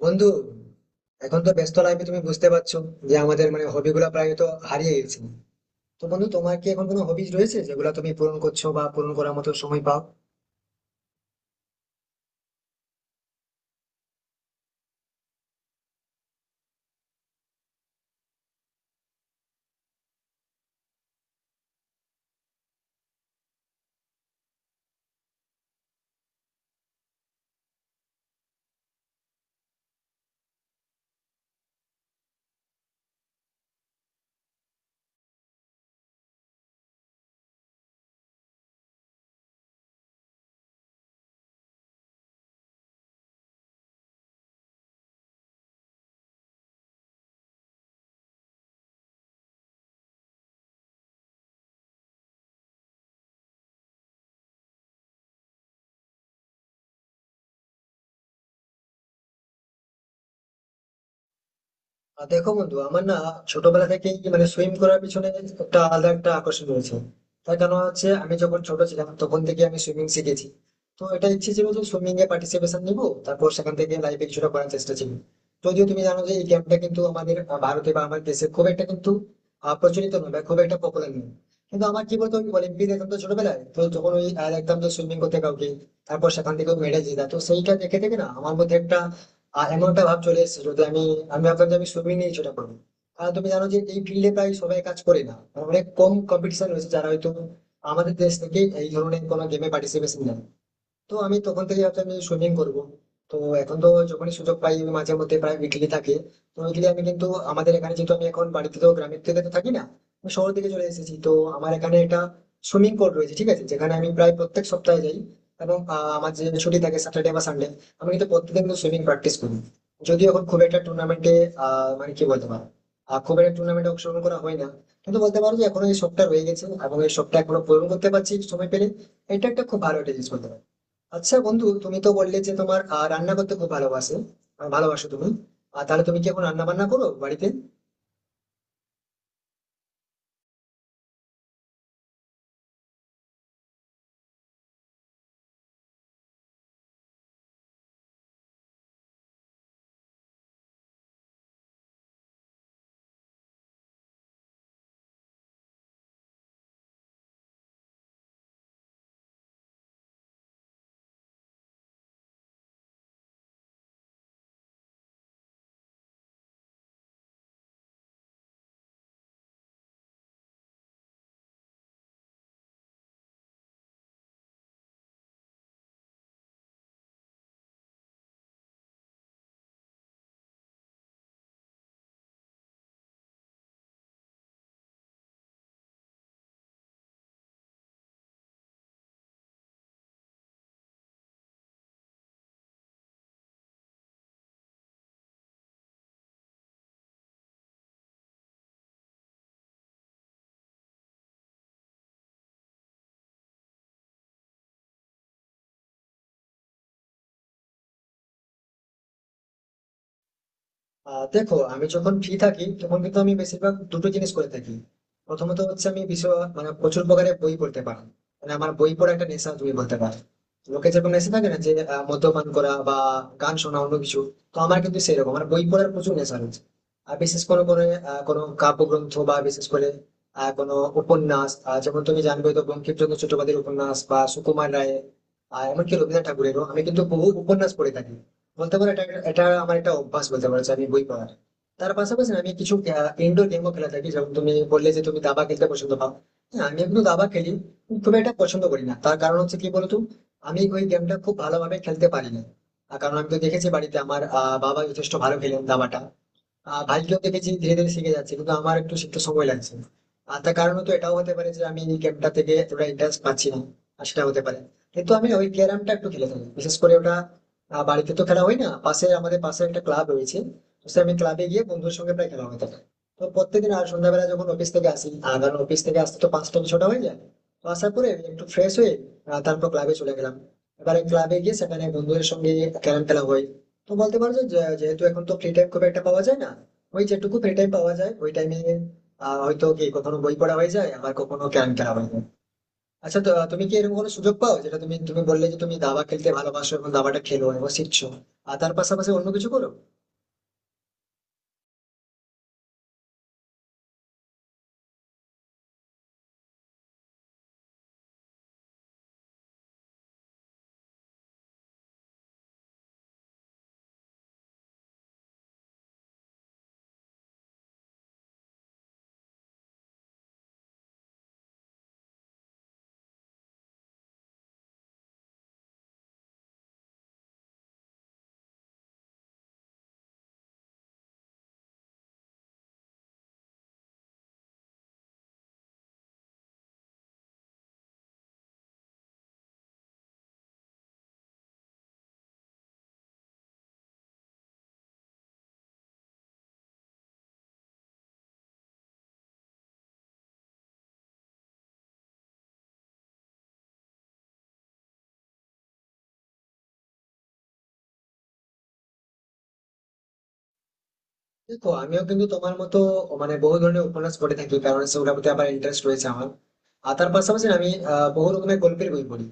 বন্ধু, এখন তো ব্যস্ত লাইফে তুমি বুঝতে পারছো যে আমাদের হবি গুলা প্রায় তো হারিয়ে গেছে। তো বন্ধু, তোমার কি এখন কোনো হবিজ রয়েছে যেগুলো তুমি পূরণ করছো বা পূরণ করার মতো সময় পাও? আর দেখো বন্ধু, আমার না ছোটবেলা থেকেই সুইম করার পিছনে একটা আলাদা একটা আকর্ষণ রয়েছে। তার কারণ হচ্ছে, আমি যখন ছোট ছিলাম তখন থেকে আমি সুইমিং শিখেছি। তো এটা ইচ্ছে ছিল যে সুইমিং এ পার্টিসিপেশন নিবো, তারপর সেখান থেকে লাইফে কিছুটা করার চেষ্টা ছিল। যদিও তুমি জানো যে এই গেমটা কিন্তু আমাদের ভারতে বা আমার দেশে খুব একটা কিন্তু প্রচলিত নয় বা খুব একটা পপুলার নয়। কিন্তু আমার কি বলতো, অলিম্পিক দেখতাম তো ছোটবেলায়, তো যখন ওই দেখতাম যে সুইমিং করতে কাউকে, তারপর সেখান থেকে মেডেল জেতা, তো সেইটা দেখে দেখে না আমার মধ্যে একটা এমন একটা ভাব চলে এসেছে যদি আমি আমি ভাবলাম যে আমি সুইমিং নিয়ে কিছুটা করবো। কারণ তুমি জানো যে এই ফিল্ডে প্রায় সবাই কাজ করে না, অনেক কম কম্পিটিশন রয়েছে, যারা হয়তো আমাদের দেশ থেকে এই ধরনের কোনো গেমে পার্টিসিপেশন নেয়। তো আমি তখন থেকে ভাবছি আমি সুইমিং করব। তো এখন তো যখনই সুযোগ পাই আমি মাঝে মধ্যে প্রায় উইকলি থাকে। তো উইকলি আমি কিন্তু আমাদের এখানে, যেহেতু আমি এখন বাড়িতে তো গ্রামের থেকে তো থাকি না, আমি শহর থেকে চলে এসেছি, তো আমার এখানে একটা সুইমিং পুল রয়েছে, ঠিক আছে, যেখানে আমি প্রায় প্রত্যেক সপ্তাহে যাই। এবং আমার যে ছুটি থাকে স্যাটারডে বা সানডে, আমি কিন্তু প্রত্যেকদিন কিন্তু সুইমিং প্র্যাকটিস করি। যদিও এখন খুব একটা টুর্নামেন্টে, আহ মানে কি বলতে পারো আহ, খুব একটা টুর্নামেন্টে অংশগ্রহণ করা হয় না। কিন্তু বলতে পারো যে এখনো এই শখটা রয়ে গেছে এবং এই শখটা এখনো পূরণ করতে পারছি সময় পেলে। এটা একটা খুব ভালো একটা জিনিস বলতে পারো। আচ্ছা বন্ধু, তুমি তো বললে যে তোমার রান্না করতে খুব ভালোবাসো, ভালোবাসো তুমি। আর তাহলে তুমি কি এখন রান্না বান্না করো বাড়িতে? দেখো, আমি যখন ফ্রি থাকি তখন কিন্তু আমি বেশিরভাগ দুটো জিনিস করে থাকি। প্রথমত হচ্ছে আমি বিষয় মানে প্রচুর প্রকারের বই পড়তে পারি। মানে আমার বই পড়া একটা নেশা তুমি বলতে পারো। লোকে যেরকম নেশা থাকে না, যে মদ্যপান করা বা গান শোনা অন্য কিছু, তো আমার কিন্তু সেরকম আমার বই পড়ার প্রচুর নেশা রয়েছে। আর বিশেষ করে করে কোনো কাব্যগ্রন্থ বা বিশেষ করে কোনো উপন্যাস, যেমন তুমি জানবে তো বঙ্কিমচন্দ্র চট্টোপাধ্যায়ের উপন্যাস বা সুকুমার রায়ের, এমনকি রবীন্দ্রনাথ ঠাকুরেরও আমি কিন্তু বহু উপন্যাস পড়ে থাকি। বলতে পারো এটা, এটা আমার একটা অভ্যাস বলতে পারো যে আমি বই পড়ার। তার পাশাপাশি না আমি কিছু ইনডোর গেমও খেলে থাকি। যেমন তুমি বললে যে তুমি দাবা খেলতে পছন্দ পাও, হ্যাঁ আমি কিন্তু দাবা খেলি, কিন্তু খুব একটা পছন্দ করি না। তার কারণ হচ্ছে কি বলতো, আমি ওই গেমটা খুব ভালোভাবে খেলতে পারি না। আর কারণ আমি তো দেখেছি বাড়িতে আমার বাবা যথেষ্ট ভালো খেলেন দাবাটা, ভাইকেও দেখেছি ধীরে ধীরে শিখে যাচ্ছে, কিন্তু আমার একটু শিখতে সময় লাগছে। আর তার কারণ তো এটাও হতে পারে যে আমি এই গেমটা থেকে এতটা ইন্টারেস্ট পাচ্ছি না, আর সেটা হতে পারে। কিন্তু আমি ওই ক্যারামটা একটু খেলে থাকি, বিশেষ করে ওটা বাড়িতে তো খেলা হয় না, পাশে আমাদের পাশে একটা ক্লাব রয়েছে, তো সে আমি ক্লাবে গিয়ে বন্ধুর সঙ্গে প্রায় খেলা হয়ে থাকে। তো প্রত্যেকদিন আর সন্ধ্যাবেলা যখন অফিস থেকে আসি, আর কারণ অফিস থেকে আসতে তো পাঁচটা ছটা হয়ে যায়, তো আসার পরে একটু ফ্রেশ হয়ে তারপর ক্লাবে চলে গেলাম, এবারে ক্লাবে গিয়ে সেখানে বন্ধুদের সঙ্গে ক্যারাম খেলা হয়। তো বলতে পারো যে যে- যেহেতু এখন তো ফ্রি টাইম খুব একটা পাওয়া যায় না, ওই যেটুকু ফ্রি টাইম পাওয়া যায় ওই টাইমে হয়তো কি কখনো বই পড়া হয়ে যায়, আবার কখনো ক্যারাম খেলা হয়ে যায়। আচ্ছা, তো তুমি কি এরকম কোনো সুযোগ পাও, যেটা তুমি তুমি বললে যে তুমি দাবা খেলতে ভালোবাসো এবং দাবাটা খেলো এবং শিখছো, আর তার পাশাপাশি অন্য কিছু করো? দেখো আমিও কিন্তু তোমার মতো মানে বহু ধরনের উপন্যাস পড়ে থাকি, কারণ সেগুলোর প্রতি আবার ইন্টারেস্ট রয়েছে আমার। আর তার পাশাপাশি আমি বহু রকমের গল্পের বই পড়ি,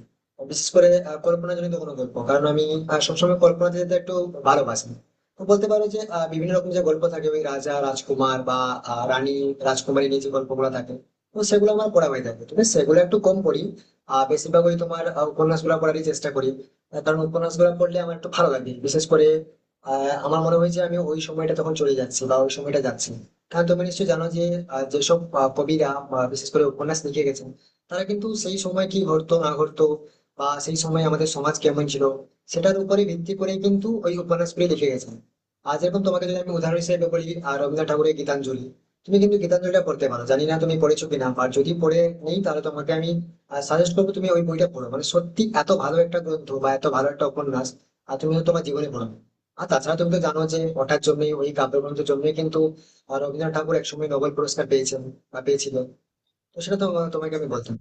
বিশেষ করে কল্পনাজনিত কোনো গল্প, কারণ আমি সবসময় কল্পনা যেতে একটু ভালোবাসি। তো বলতে পারো যে বিভিন্ন রকম যে গল্প থাকে ওই রাজা রাজকুমার বা রানী রাজকুমারী নিয়ে যে গল্পগুলো থাকে, তো সেগুলো আমার পড়া হয়ে থাকে, তবে সেগুলো একটু কম পড়ি। আর বেশিরভাগ ওই তোমার উপন্যাস গুলা পড়ারই চেষ্টা করি। কারণ উপন্যাস গুলা পড়লে আমার একটু ভালো লাগে, বিশেষ করে আমার মনে হয়েছে আমি ওই সময়টা তখন চলে যাচ্ছি বা ওই সময়টা যাচ্ছি। কারণ তুমি নিশ্চয়ই জানো যে যেসব কবিরা বা বিশেষ করে উপন্যাস লিখে গেছেন, তারা কিন্তু সেই সময় কি ঘটতো না ঘটতো বা সেই সময় আমাদের সমাজ কেমন ছিল, সেটার উপরে ভিত্তি করে কিন্তু ওই উপন্যাসগুলি লিখে গেছেন। আর যেরকম তোমাকে যদি আমি উদাহরণ হিসেবে বলি, রবীন্দ্রনাথ ঠাকুরের গীতাঞ্জলি, তুমি কিন্তু গীতাঞ্জলিটা পড়তে পারো, জানি না তুমি পড়েছো কিনা, আর যদি পড়ে নেই তাহলে তোমাকে আমি সাজেস্ট করবো তুমি ওই বইটা পড়ো। মানে সত্যি এত ভালো একটা গ্রন্থ বা এত ভালো একটা উপন্যাস, আর তুমি হয়তো তোমার জীবনে পড়ো। আর তাছাড়া তুমি তো জানো যে ওটার জন্যই, ওই কাব্যগ্রন্থের জন্যই কিন্তু রবীন্দ্রনাথ ঠাকুর একসময় নোবেল পুরস্কার পেয়েছেন বা পেয়েছিল, তো সেটা তো তোমাকে আমি বলতাম।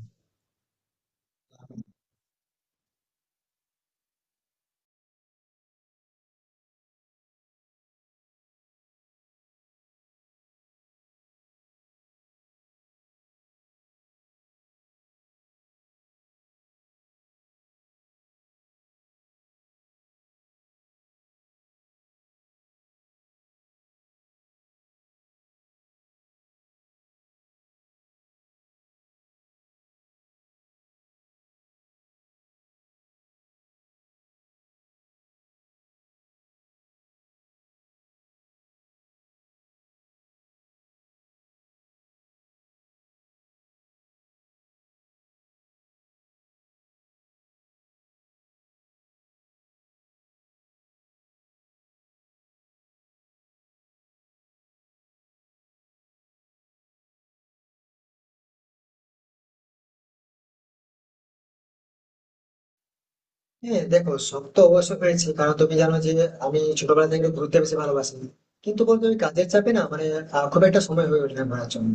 হ্যাঁ দেখো, শখ তো অবশ্যই পেয়েছি, কারণ তুমি জানো যে আমি ছোটবেলা থেকে একটু ঘুরতে বেশি ভালোবাসি। কিন্তু বলতো ওই কাজের চাপে না, মানে খুব একটা সময় হয়ে ওঠে না ঘোরার জন্য।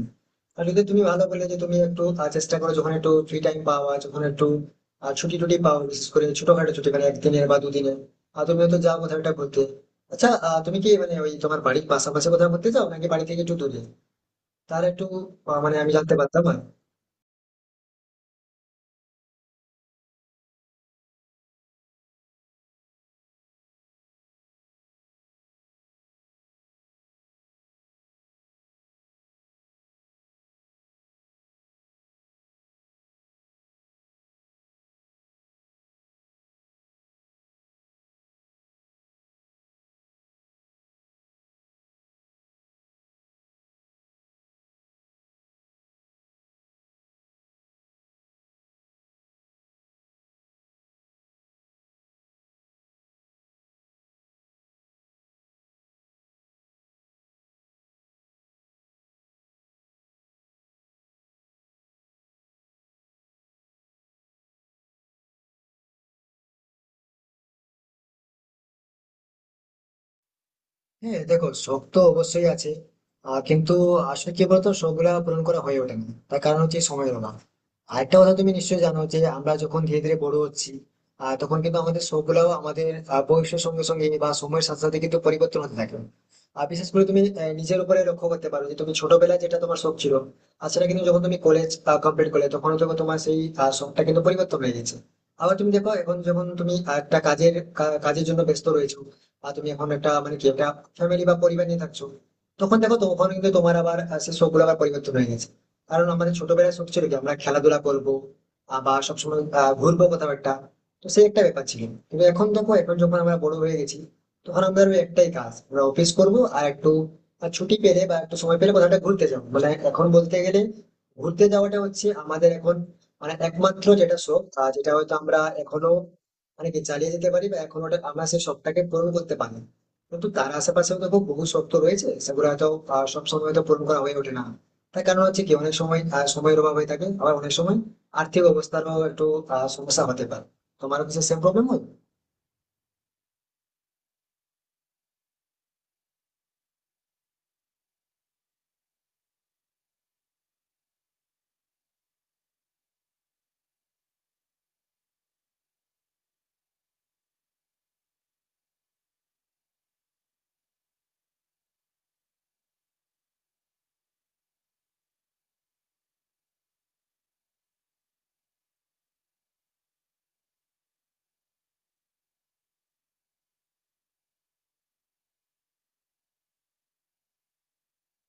আর যদি তুমি ভালো বলে যে তুমি একটু চেষ্টা করো যখন একটু ফ্রি টাইম পাওয়া, যখন একটু ছুটি টুটি পাও, বিশেষ করে ছোটখাটো ছুটি মানে একদিনের বা দুদিনের, আর তুমি হয়তো যাও কোথাও একটা ঘুরতে। আচ্ছা, তুমি কি মানে ওই তোমার বাড়ির পাশাপাশি কোথাও ঘুরতে যাও, নাকি বাড়ি থেকে একটু দূরে? তাহলে একটু মানে আমি জানতে পারতাম আর। হ্যাঁ দেখো, শখ তো অবশ্যই আছে, কিন্তু আসলে কি বলতো, শখ গুলা পূরণ করা হয়ে ওঠে না, তার কারণ হচ্ছে সময়ের অভাব। আরেকটা কথা, তুমি নিশ্চয়ই জানো যে আমরা যখন ধীরে ধীরে বড় হচ্ছি তখন কিন্তু আমাদের শখ গুলাও আমাদের বয়সের সঙ্গে সঙ্গে বা সময়ের সাথে সাথে কিন্তু পরিবর্তন হতে থাকে। আর বিশেষ করে তুমি নিজের উপরে লক্ষ্য করতে পারো যে তুমি ছোটবেলায় যেটা তোমার শখ ছিল, আর সেটা কিন্তু যখন তুমি কলেজ কমপ্লিট করলে তখন তখন তোমার সেই শখটা কিন্তু পরিবর্তন হয়ে গেছে। আবার তুমি দেখো, এখন যখন তুমি একটা কাজের, কাজের জন্য ব্যস্ত রয়েছো বা তুমি এখন একটা মানে কি একটা ফ্যামিলি বা পরিবার নিয়ে থাকছো, তখন দেখো তখন কিন্তু তোমার আবার সেই শখ গুলো আবার পরিবর্তন হয়ে গেছে। কারণ আমাদের ছোটবেলায় শখ ছিল কি আমরা খেলাধুলা করবো বা সবসময় ঘুরবো কোথাও একটা, তো সেই একটা ব্যাপার ছিল। কিন্তু এখন দেখো, এখন যখন আমরা বড় হয়ে গেছি, তখন আমাদের ওই একটাই কাজ, আমরা অফিস করবো আর একটু ছুটি পেলে বা একটু সময় পেলে কোথাও একটা ঘুরতে যাবো। মানে এখন বলতে গেলে ঘুরতে যাওয়াটা হচ্ছে আমাদের এখন মানে একমাত্র যেটা শখ, যেটা হয়তো আমরা এখনো মানে কি চালিয়ে যেতে পারি বা এখন ওটা আমরা সেই শখটাকে পূরণ করতে পারি। কিন্তু তার আশেপাশেও দেখো বহু শখ তো রয়েছে, সেগুলো হয়তো সবসময় হয়তো পূরণ করা হয়ে ওঠে না। তার কারণ হচ্ছে কি, অনেক সময় সময়ের অভাব হয়ে থাকে, আবার অনেক সময় আর্থিক অবস্থারও একটু সমস্যা হতে পারে। তোমারও কিছু সেম প্রবলেম হয়?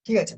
ঠিক আছে।